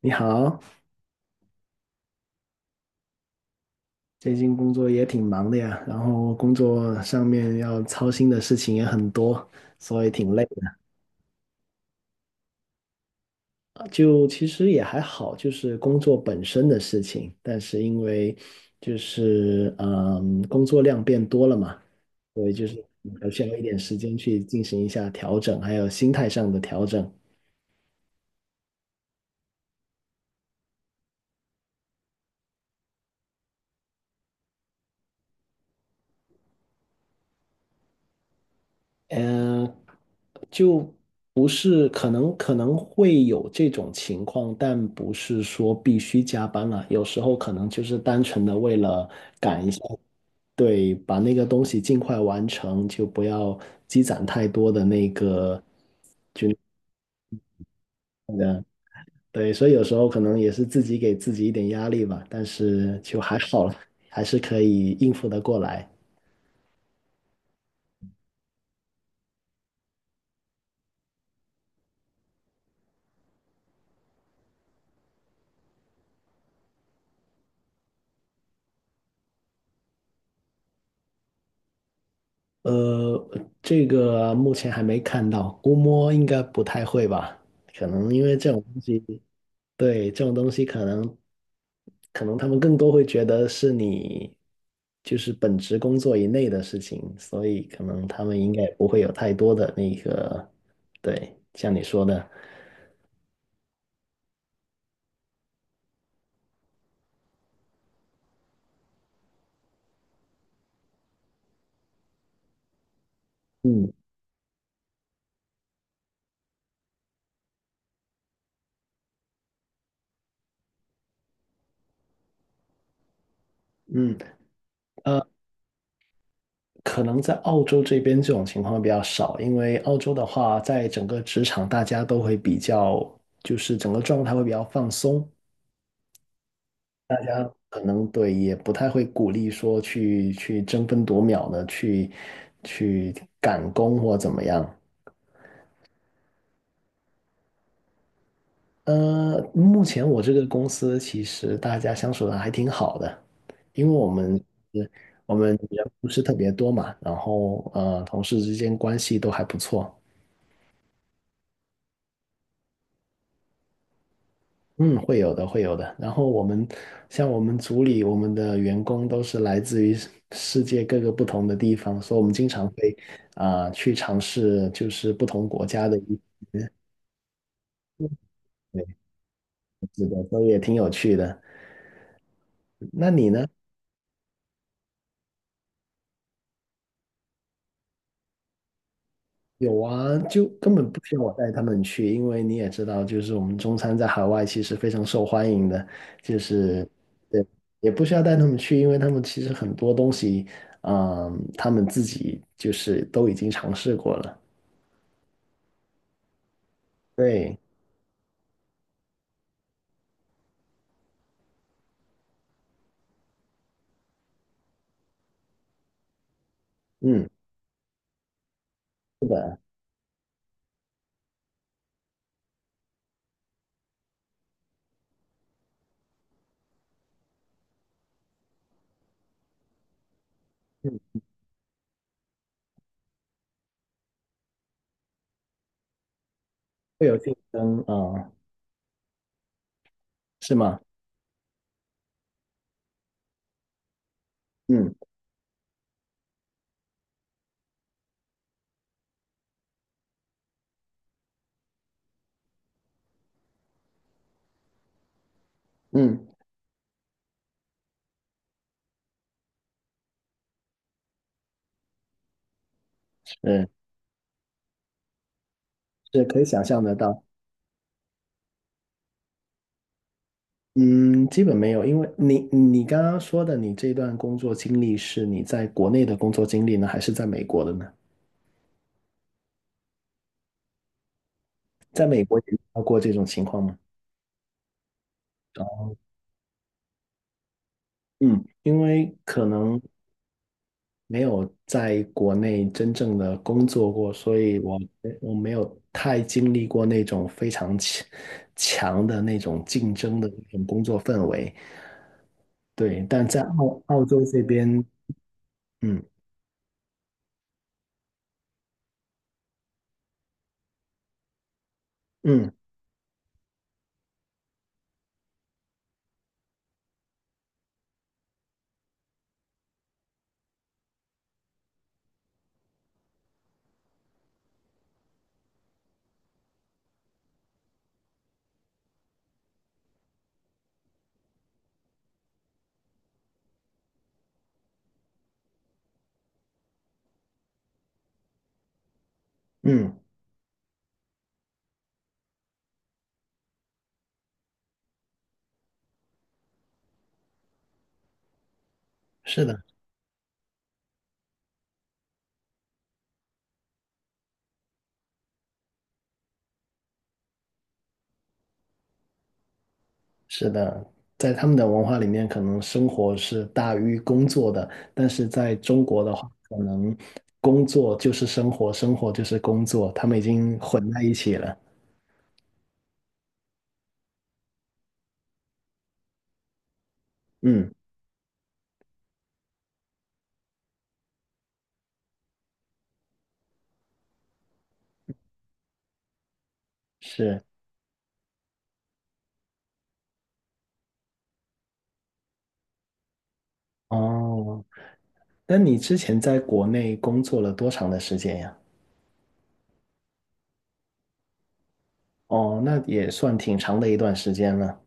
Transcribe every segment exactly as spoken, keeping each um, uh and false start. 你好，最近工作也挺忙的呀，然后工作上面要操心的事情也很多，所以挺累的。呃就其实也还好，就是工作本身的事情，但是因为就是嗯工作量变多了嘛，所以就是还需要一点时间去进行一下调整，还有心态上的调整。嗯，就不是，可能可能会有这种情况，但不是说必须加班了。有时候可能就是单纯的为了对把那个东西尽快完成，就不要积攒太多的那个。嗯，对，所以有时候可能也是自己给自己一点压力吧，但是就还好了，还是可以应付得过来。呃，这个目前还没看到，估摸应该不太会吧？可能因为这种东西。对，这种东西可能，可能他们更多会觉得是你就是本职工作以内的事情，所以可能他们应该不会有太多的那个，对，像你说的。嗯嗯。呃，可能在澳洲这边这种情况比较少，因为澳洲的话，在整个职场大家都会比较，就是整个状态会比较放松，可能对，也不太会鼓励说去去争分夺秒的去去赶工或怎么样。呃，目前我这个公司其实大家相处的还挺好的，因为我们我们人不是特别多嘛，然后呃，同事之间关系都还不错。嗯，会有的，会有的。然后我们像我们组里，我们的员工都是来自于世世界各个不同的地方，所以我们经常会啊、呃去尝试就是不同国家的一对，是的，所以也挺有趣的。那你呢？有啊，就根本不需要我带他们去，因为你也知道，就是我们中餐在海外其实非常受欢迎的，就是对，也不需要带他们去，因为他们其实很多东西，嗯、他们自己就是都已经尝试过了。对，嗯，是的。嗯，会有竞争啊，呃是吗？嗯嗯，嗯，是可以想象得到。嗯，基本没有，因为你你刚刚说的，你这段工作经历是你在国内的工作经历呢，还是在美国的呢？在美国也遇到过这种情况吗？嗯，因为可能没有在国内真正的工作过，所以我我没有太经历过那种非常强强的那种竞争的那种工作氛围。对，但在澳澳洲这边。嗯嗯嗯，是的，是的，在他们的文化里面，可能生活是大于工作的，但是在中国的话，可能工作就是生活，生活就是工作，他们已经混在一起了。嗯，是哦。那你之前在国内工作了多长的时间呀？哦，那也算挺长的一段时间了。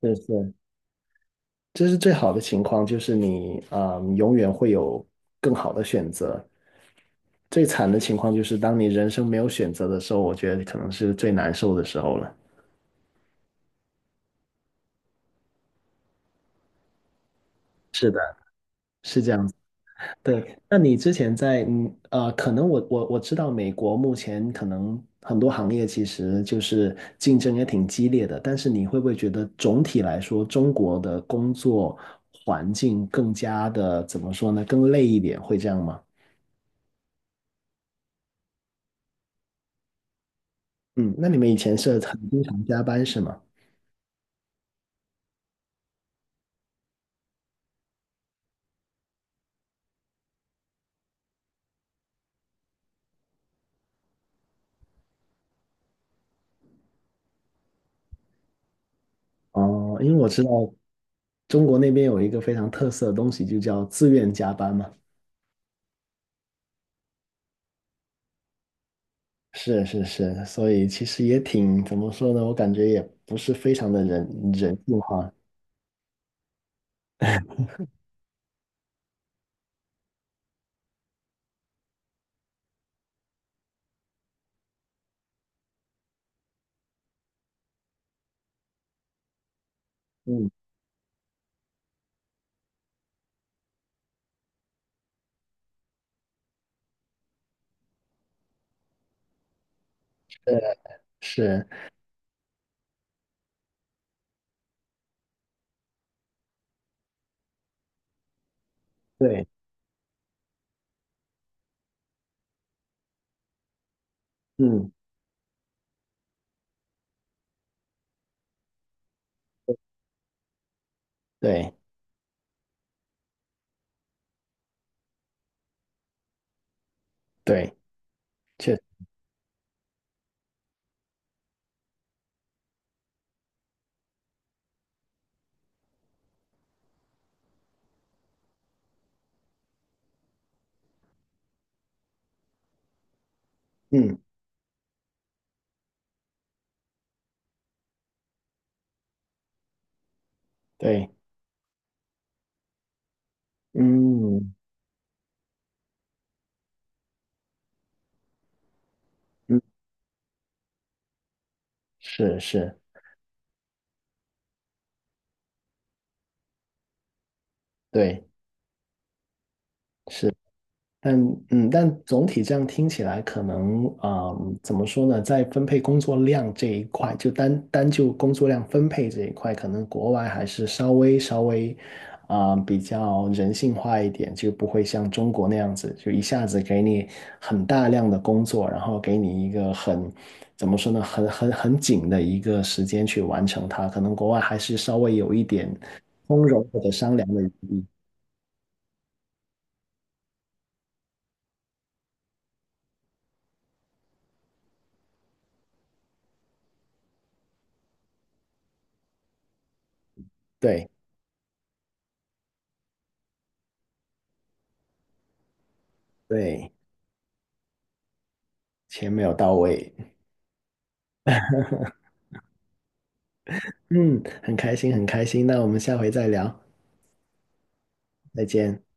是是，这是最好的情况，就是你啊、嗯永远会有更好的选择。最惨的情况就是当你人生没有选择的时候，我觉得可能是最难受的时候了。是的，是这样子。对，那你之前在嗯呃，可能我我我知道美国目前可能很多行业其实就是竞争也挺激烈的，但是你会不会觉得总体来说中国的工作环境更加的怎么说呢？更累一点，会这样吗？嗯，那你们以前是很经常加班是吗？哦，因为我知道中国那边有一个非常特色的东西，就叫自愿加班嘛。是是是，所以其实也挺，怎么说呢？我感觉也不是非常的人人性化。嗯，是，对，嗯，对对，确，嗯，对，嗯嗯，是是，对。是。但嗯，但总体这样听起来，可能啊，怎么说呢，在分配工作量这一块，就单单就工作量分配这一块，可能国外还是稍微稍微啊、比较人性化一点，就不会像中国那样子，就一下子给你很大量的工作，然后给你一个很怎么说呢，很很很紧的一个时间去完成它。可能国外还是稍微有一点丰容或者商量的余地，对对，钱没有到位。嗯，很开心，很开心。那我们下回再聊，再见。